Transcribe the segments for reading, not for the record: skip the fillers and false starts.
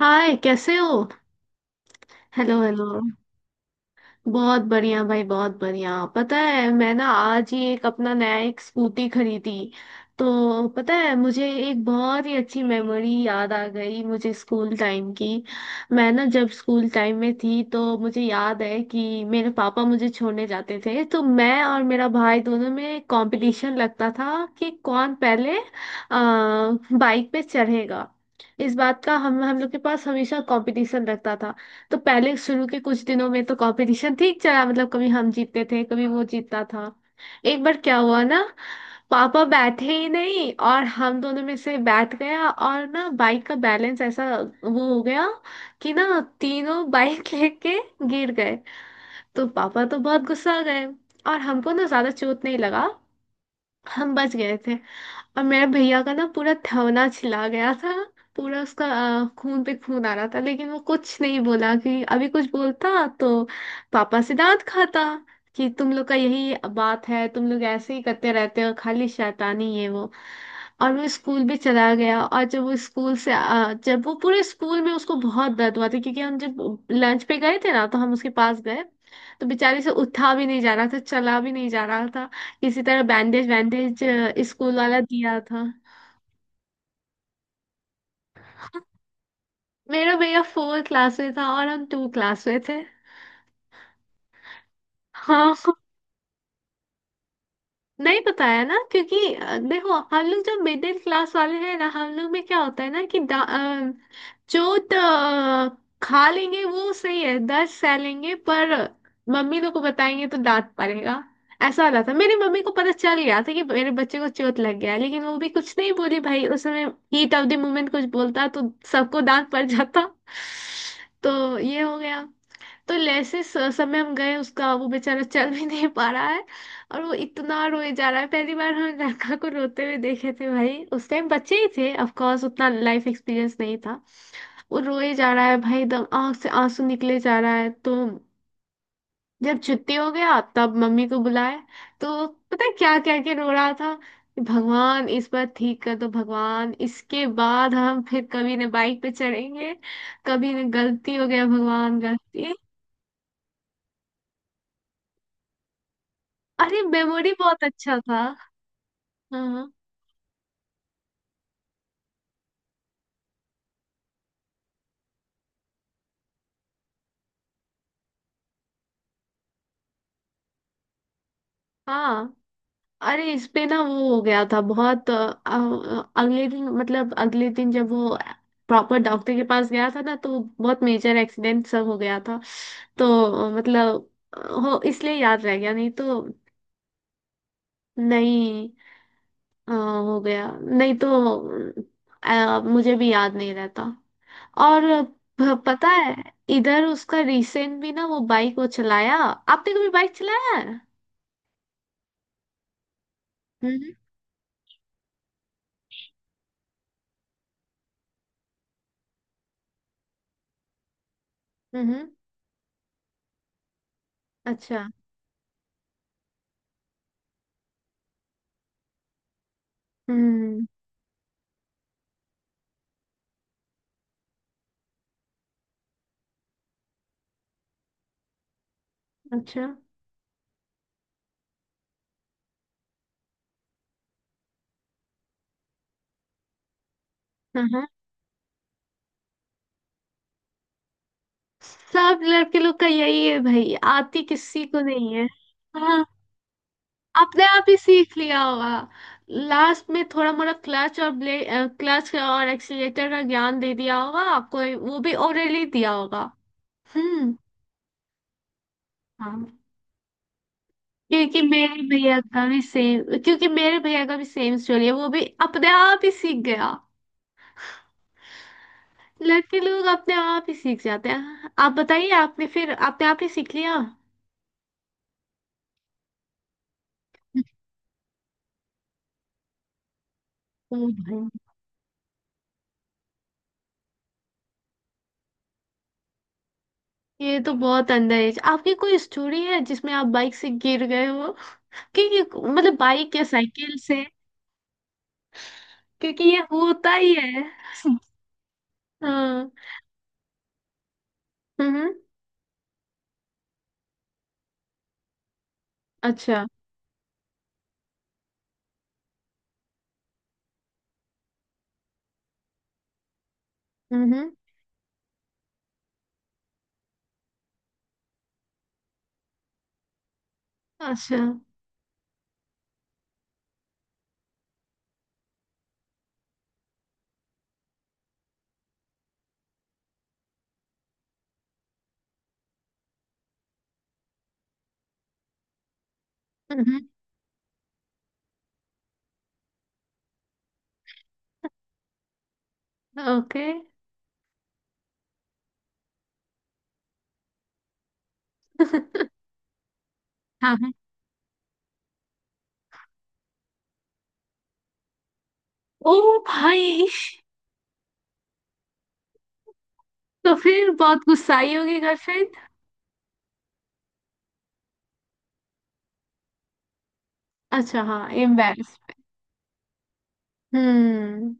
हाय, कैसे हो। Hello hello. बहुत बढ़िया भाई, बहुत बढ़िया। पता है, मैं ना आज ही एक अपना नया एक स्कूटी खरीदी। तो पता है, मुझे एक बहुत ही अच्छी मेमोरी याद आ गई मुझे स्कूल टाइम की। मैं ना जब स्कूल टाइम में थी, तो मुझे याद है कि मेरे पापा मुझे छोड़ने जाते थे, तो मैं और मेरा भाई दोनों में कंपटीशन लगता था कि कौन पहले बाइक पे चढ़ेगा। इस बात का हम लोग के पास हमेशा कंपटीशन रहता था। तो पहले शुरू के कुछ दिनों में तो कंपटीशन ठीक चला, मतलब कभी हम जीतते थे कभी वो जीतता था। एक बार क्या हुआ ना, पापा बैठे ही नहीं और हम दोनों में से बैठ गया और ना बाइक का बैलेंस ऐसा वो हो गया कि ना तीनों बाइक लेके गिर गए। तो पापा तो बहुत गुस्सा गए और हमको ना ज्यादा चोट नहीं लगा, हम बच गए थे। और मेरे भैया का ना पूरा थवना छिला गया था, पूरा उसका। खून पे खून आ रहा था, लेकिन वो कुछ नहीं बोला कि अभी कुछ बोलता तो पापा से डांट खाता कि तुम लोग का यही बात है, तुम लोग ऐसे ही करते रहते हो, खाली शैतानी है वो। और वो स्कूल भी चला गया। और जब वो जब वो पूरे स्कूल में उसको बहुत दर्द हुआ था, क्योंकि हम जब लंच पे गए थे ना तो हम उसके पास गए। तो बेचारे से उठा भी नहीं जा रहा था, चला भी नहीं जा रहा था। किसी तरह बैंडेज वैंडेज स्कूल वाला दिया था। मेरा भैया 4 क्लास में था और हम 2 क्लास में थे। हाँ। नहीं बताया ना क्योंकि देखो, हम लोग जो मिडिल क्लास वाले हैं ना, हम लोग में क्या होता है ना कि जो खा लेंगे वो सही है, 10 सह लेंगे, पर मम्मी लोग को बताएंगे तो डांट पड़ेगा। ऐसा वाला था। मेरी मम्मी को पता चल गया था कि मेरे बच्चे को चोट लग गया है, लेकिन वो भी कुछ नहीं बोली भाई उस समय। हीट ऑफ द मोमेंट कुछ बोलता तो सबको डांट पड़ जाता। तो ये हो गया। तो जैसे समय हम गए, उसका वो बेचारा चल भी नहीं पा रहा है और वो इतना रोए जा रहा है। पहली बार हम लड़का को रोते हुए देखे थे भाई। उस टाइम बच्चे ही थे, ऑफ कोर्स, उतना लाइफ एक्सपीरियंस नहीं था। वो रोए जा रहा है भाई, एकदम आंख से आंसू निकले जा रहा है। तो जब छुट्टी हो गया तब मम्मी को बुलाए। तो पता है क्या क्या के रो रहा था कि भगवान इस बार ठीक कर दो, भगवान इसके बाद हम फिर कभी न बाइक पे चढ़ेंगे, कभी न गलती हो गया भगवान, गलती। अरे मेमोरी बहुत अच्छा था। हाँ हाँ। अरे इस पे ना वो हो गया था बहुत। अगले दिन, मतलब अगले दिन जब वो प्रॉपर डॉक्टर के पास गया था ना तो बहुत मेजर एक्सीडेंट सब हो गया था। तो मतलब हो इसलिए याद रह गया, नहीं तो नहीं। हो गया नहीं तो मुझे भी याद नहीं रहता। और पता है, इधर उसका रिसेंट भी ना वो बाइक वो चलाया। आपने कभी बाइक चलाया है? हम्म। अच्छा। हम्म। अच्छा। हाँ हाँ। सब लड़के लोग का यही है भाई, आती किसी को नहीं है। हाँ। अपने आप ही सीख लिया होगा। लास्ट में थोड़ा मोड़ा क्लच और ब्ले क्लच और एक्सीलेटर का ज्ञान दे दिया होगा आपको, वो भी ओरली दिया होगा। हम्म। हाँ। क्योंकि मेरे भैया का भी सेम स्टोरी है, वो भी अपने आप ही सीख गया। लड़के लोग अपने आप ही सीख जाते हैं। आप बताइए, आपने फिर अपने आप ही सीख लिया? ओ भाई, ये तो बहुत अंदर है। आपकी कोई स्टोरी है जिसमें आप बाइक से गिर गए हो? क्योंकि, मतलब बाइक या साइकिल से, क्योंकि ये होता ही है हाँ। हम्म। अच्छा। हम्म। अच्छा। हम्म। ओके। हाँ हाँ। ओ भाई, तो फिर बहुत गुस्साई होगी गर्लफ्रेंड। अच्छा, हाँ एम्बेस। हम्म।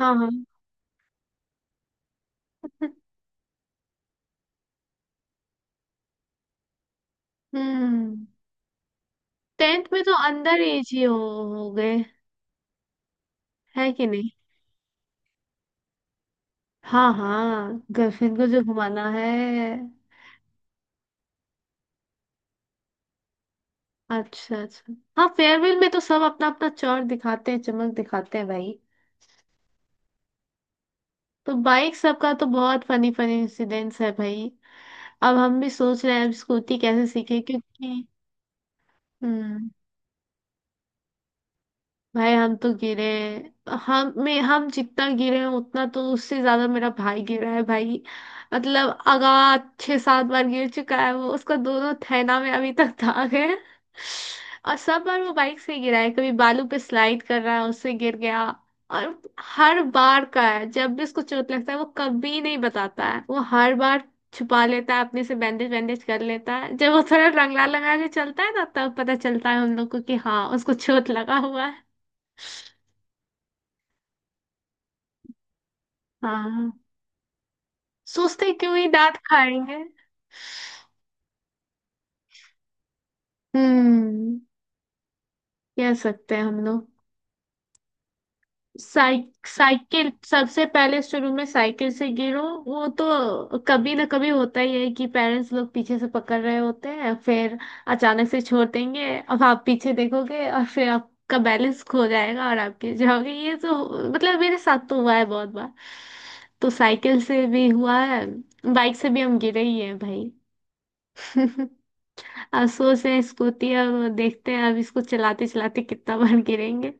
हाँ हाँ। हम्म। 10th में तो अंदर एज ही हो गए है कि नहीं? हाँ हाँ, गर्लफ्रेंड को जो घुमाना है। अच्छा अच्छा, हाँ फेयरवेल में तो सब अपना अपना चौर दिखाते हैं, चमक दिखाते हैं भाई। तो बाइक सबका तो बहुत फनी फनी इंसिडेंट्स है भाई। अब हम भी सोच रहे हैं अब स्कूटी कैसे सीखे, क्योंकि हम्म। भाई हम तो गिरे। हम जितना गिरे हैं उतना तो उससे ज्यादा मेरा भाई गिरा है भाई। मतलब आगा, 6-7 बार गिर चुका है वो। उसका दोनों थैना में अभी तक दाग है। और सब बार वो बाइक से गिरा है, कभी बालू पे स्लाइड कर रहा है उससे गिर गया। और हर बार का है, जब भी उसको चोट लगता है वो कभी नहीं बताता है, वो हर बार छुपा लेता है अपने से बैंडेज बैंडेज कर लेता है। जब वो थोड़ा रंगला लगा के चलता है ना तब पता चलता है हम लोग को कि हाँ उसको चोट लगा हुआ है। हाँ। सोचते क्यों ही दांत खाएंगे। हम्म। कह सकते हैं हम लोग। साइकिल सबसे पहले, शुरू में साइकिल से गिरो, वो तो कभी ना कभी होता ही है कि पेरेंट्स लोग पीछे से पकड़ रहे होते हैं, फिर अचानक से छोड़ देंगे, अब आप पीछे देखोगे और फिर आपका बैलेंस खो जाएगा और आप गिर जाओगे। ये तो, मतलब मेरे साथ तो हुआ है बहुत बार। तो साइकिल से भी हुआ है, बाइक से भी हम गिरे ही हैं भाई अब सोच रहे हैं स्कूटी, अब देखते हैं अब इसको चलाते चलाते कितना बार गिरेंगे।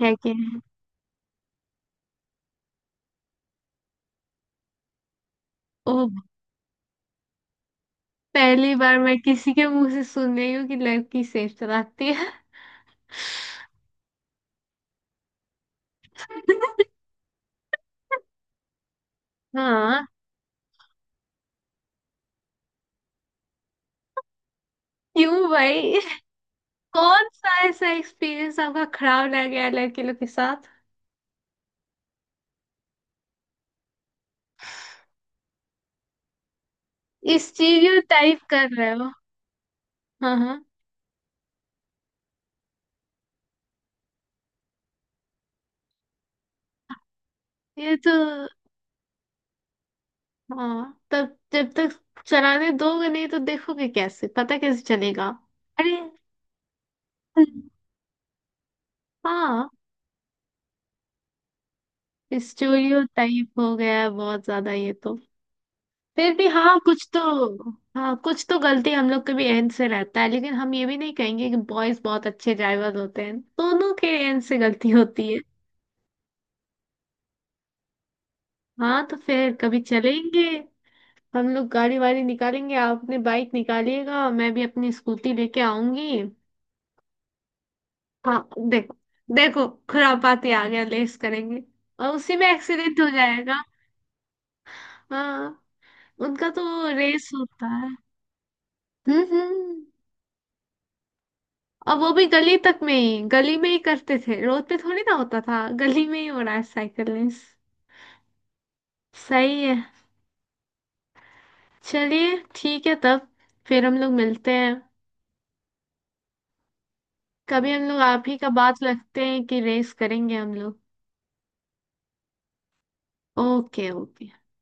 है कि नहीं? ओ, पहली बार मैं किसी के मुंह से सुन रही हूँ कि लड़की सेफ चलाती है हाँ, क्यों भाई? कौन सा ऐसा एक्सपीरियंस आपका खराब रह गया है लड़के लोग के साथ? स्टीरियो टाइप कर रहे हो। हाँ हाँ। ये तो, हाँ, तब जब तक चलाने दोगे नहीं तो देखोगे कैसे, पता कैसे चलेगा। अरे। हाँ। स्टीरियोटाइप हो गया है बहुत ज्यादा ये तो। फिर भी हाँ कुछ तो, हाँ कुछ तो गलती हम लोग के भी एंड से रहता है, लेकिन हम ये भी नहीं कहेंगे कि बॉयज बहुत अच्छे ड्राइवर होते हैं, दोनों के एंड से गलती होती है। हाँ तो फिर कभी चलेंगे, हम लोग गाड़ी वाड़ी निकालेंगे, आप अपनी बाइक निकालिएगा, मैं भी अपनी स्कूटी लेके आऊंगी। हाँ देखो, देखो खुरापाती आ गया, लेस करेंगे और उसी में एक्सीडेंट हो जाएगा। हाँ, उनका तो रेस होता है। हम्म। और वो भी गली तक में ही, गली में ही करते थे, रोड पे थोड़ी ना होता था, गली में ही हो रहा है साइकिलिंग। सही है। चलिए, ठीक है तब, फिर हम लोग मिलते हैं। कभी हम लोग आप ही का बात रखते हैं कि रेस करेंगे हम लोग। Okay okay.